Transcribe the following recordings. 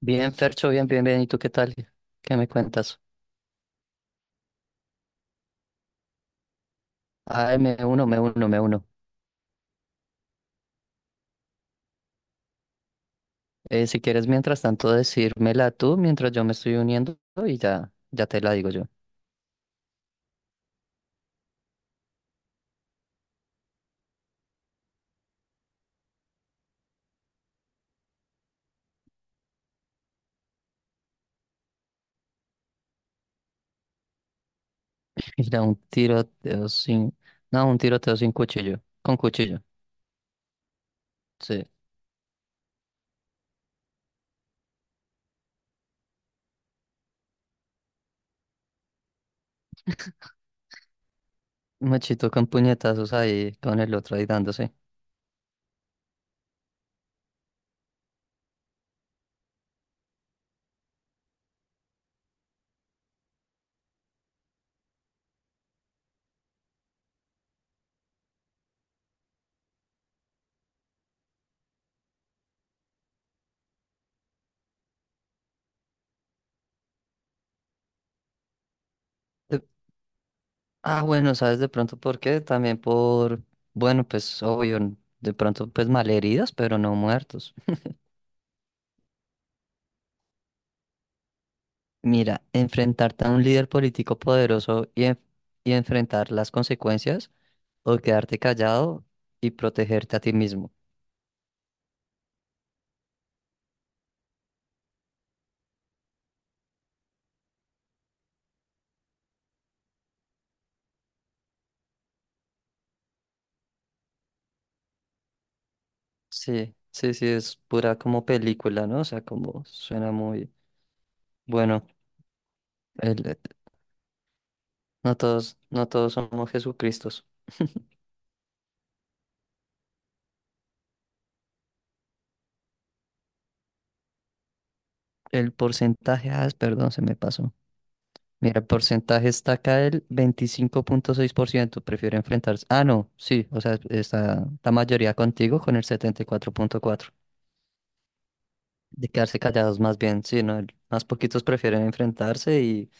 Bien, Fercho, bien. ¿Y tú qué tal? ¿Qué me cuentas? Ay, me uno. Si quieres, mientras tanto, decírmela tú mientras yo me estoy uniendo y ya, ya te la digo yo. Mira, un tiroteo sin... No, un tiroteo sin cuchillo. Con cuchillo, sí. Machito con puñetazos ahí, con el otro ahí dándose. De- Ah, bueno, ¿sabes de pronto por qué? Bueno, pues obvio, de pronto pues malheridos, pero no muertos. Mira, enfrentarte a un líder político poderoso y enfrentar las consecuencias o quedarte callado y protegerte a ti mismo. Sí, es pura como película, ¿no? O sea, como suena muy bueno. el- eh, no todos, somos Jesucristos. El porcentaje, perdón, se me pasó. Mira, el porcentaje está acá el 25.6%. Prefiere enfrentarse. Ah, no, sí, o sea, está la mayoría contigo con el 74.4%. De quedarse callados más bien, sí, ¿no? Más poquitos prefieren enfrentarse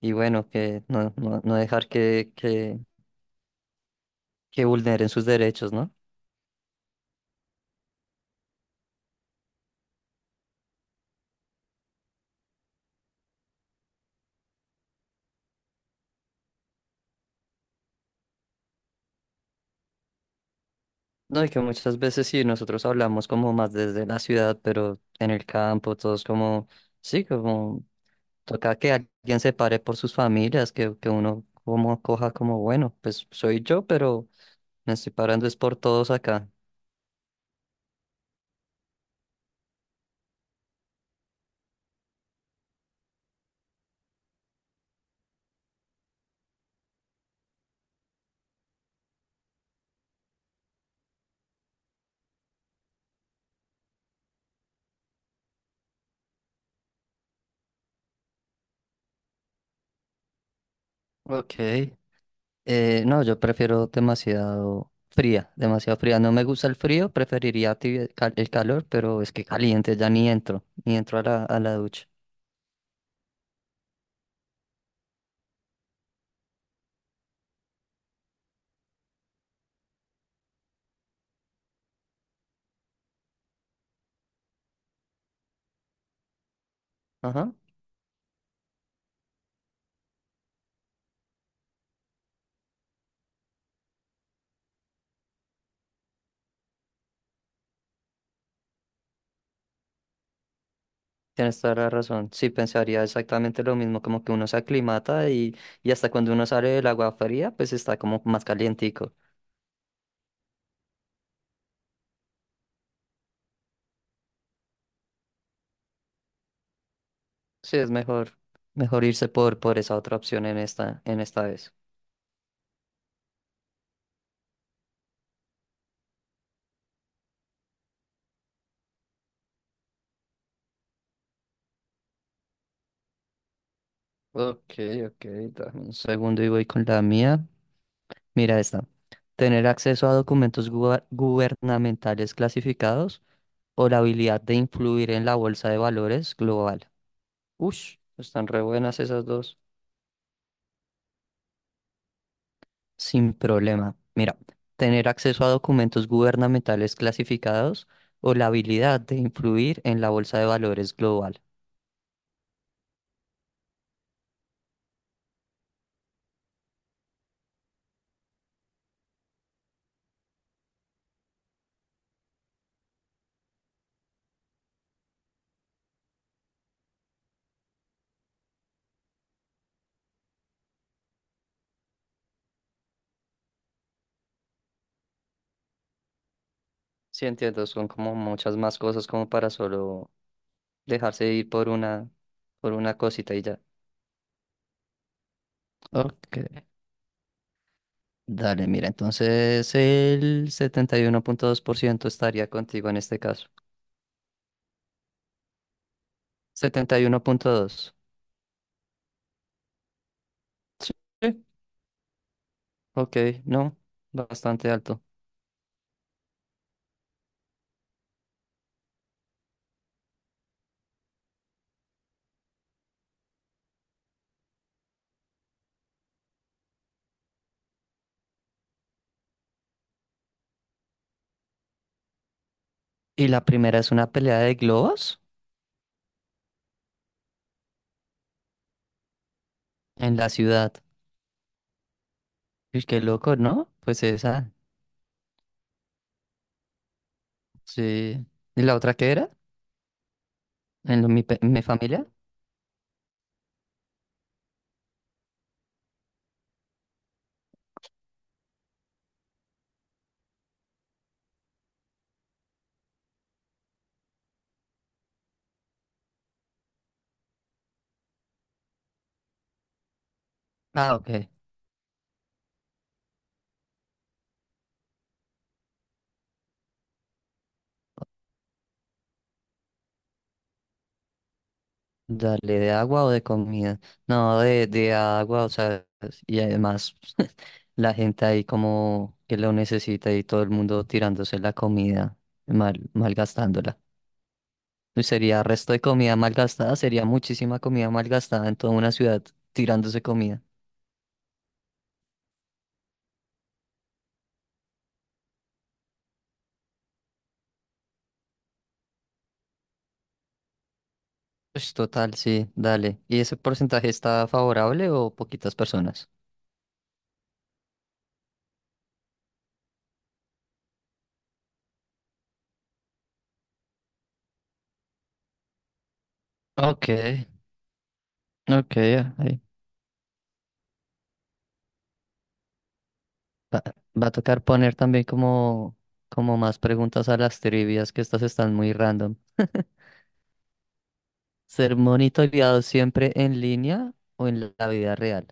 y bueno, que no, no, no dejar que vulneren sus derechos, ¿no? No, y que muchas veces sí, nosotros hablamos como más desde la ciudad, pero en el campo, todos como, sí, como toca que alguien se pare por sus familias, que uno como coja como, bueno, pues soy yo, pero me estoy parando es por todos acá. Ok. No, yo prefiero demasiado fría, demasiado fría. No me gusta el frío, preferiría el calor, pero es que caliente ya ni entro, ni entro a a la ducha. Ajá, tienes toda la razón. Sí, pensaría exactamente lo mismo, como que uno se aclimata y hasta cuando uno sale del agua fría, pues está como más calientico. Sí, es mejor, mejor irse por esa otra opción en en esta vez. Ok, ok, dame un segundo y voy con la mía. Mira esta. Tener acceso a documentos gubernamentales clasificados o la habilidad de influir en la bolsa de valores global. Ush, están re buenas esas dos. Sin problema. Mira, tener acceso a documentos gubernamentales clasificados o la habilidad de influir en la bolsa de valores global. Sí, entiendo, son como muchas más cosas como para solo dejarse ir por una cosita y ya. Ok. Dale, mira, entonces el 71,2% estaría contigo en este caso. 71,2. Sí, ok, no, bastante alto. Y la primera es una pelea de globos en la ciudad. Uy, qué loco, ¿no? Pues esa, sí. ¿Y la otra qué era? ¿En lo- mi, pe- mi familia? Ah, ok. Dale, ¿de agua o de comida? No, de agua, o sea, y además la gente ahí como que lo necesita y todo el mundo tirándose la comida, malgastándola. Y sería resto de comida malgastada, sería muchísima comida malgastada en toda una ciudad tirándose comida. Pues total, sí, dale. ¿Y ese porcentaje está favorable o poquitas personas? Ok, ok, ahí. Va, Va a tocar poner también como más preguntas a las trivias, que estas están muy random. ¿Ser monitoreado siempre en línea o en la vida real?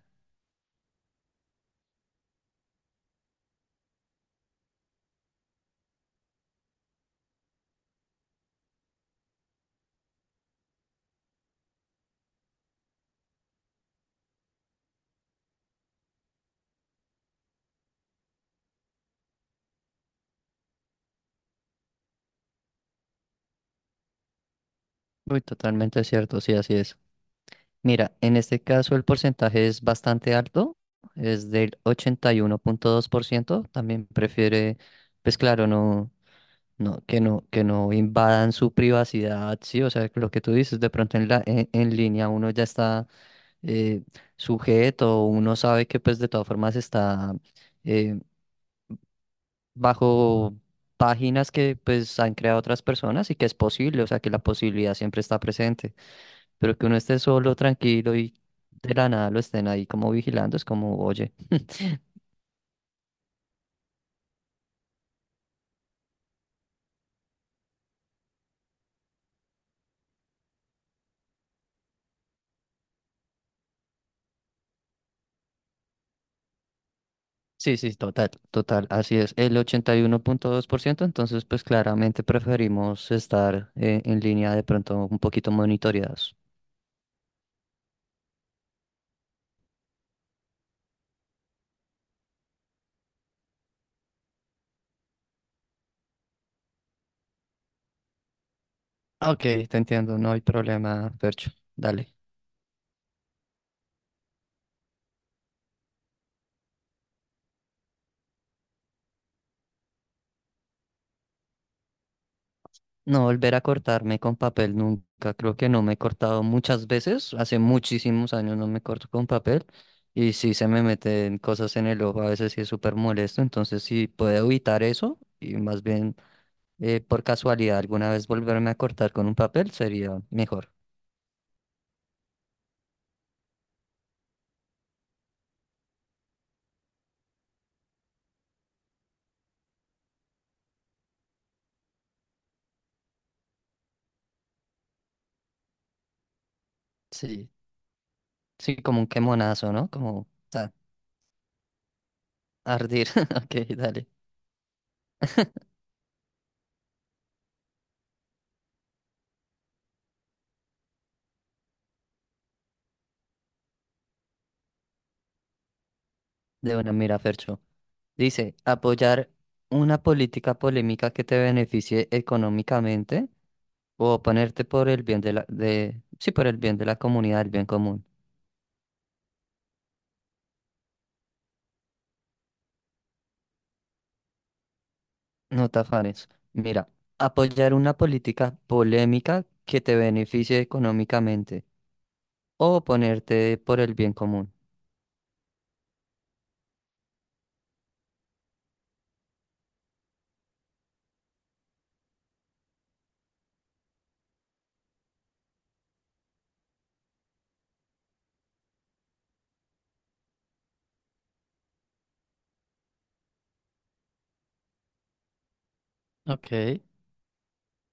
Uy, totalmente cierto, sí, así es. Mira, en este caso el porcentaje es bastante alto, es del 81,2%. También prefiere, pues claro, no, que no invadan su privacidad, sí, o sea, lo que tú dices, de pronto en en línea uno ya está eh, sujeto, uno sabe que pues de todas formas está eh, bajo páginas que pues han creado otras personas y que es posible, o sea que la posibilidad siempre está presente, pero que uno esté solo, tranquilo y de la nada lo estén ahí como vigilando, es como, oye, sí, total, así es, el 81,2% entonces pues claramente preferimos estar en línea de pronto un poquito monitoreados. Ok, te entiendo, no hay problema, Percho, dale. No volver a cortarme con papel nunca. Creo que no me he cortado muchas veces. Hace muchísimos años no me corto con papel. Y sí se me meten cosas en el ojo. A veces sí es súper molesto. Entonces sí puedo evitar eso. Y más bien por casualidad alguna vez volverme a cortar con un papel sería mejor. Sí. Sí, como un quemonazo, ¿no? Ardir. Ok, dale. De una mira, Fercho. Dice, apoyar una política polémica que te beneficie económicamente. O ponerte por el bien de sí, por el bien de la comunidad, el bien común. No te afanes. Mira, apoyar una política polémica que te beneficie económicamente. O ponerte por el bien común. Ok.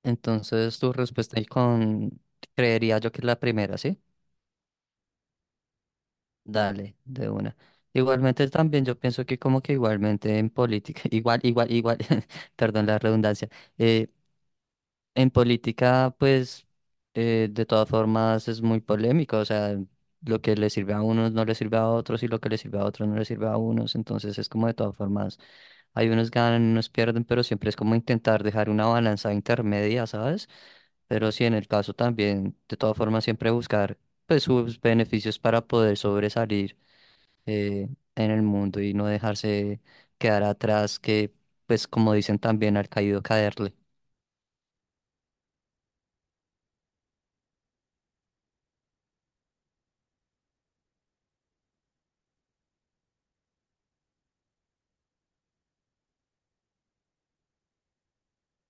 Entonces, tu respuesta ahí con, creería yo que es la primera, ¿sí? Dale, de una. Igualmente también yo pienso que como que igualmente en política, igual, perdón la redundancia, eh, en política, pues, de todas formas es muy polémico, o sea, lo que le sirve a unos no le sirve a otros y lo que le sirve a otros no le sirve a unos, entonces es como de todas formas, hay unos ganan, unos pierden, pero siempre es como intentar dejar una balanza intermedia, ¿sabes? Pero sí, en el caso también, de todas formas, siempre buscar, pues, sus beneficios para poder sobresalir eh, en el mundo y no dejarse quedar atrás, que, pues, como dicen también, al caído caerle.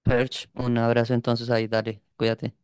Perch, un abrazo entonces ahí, dale, cuídate.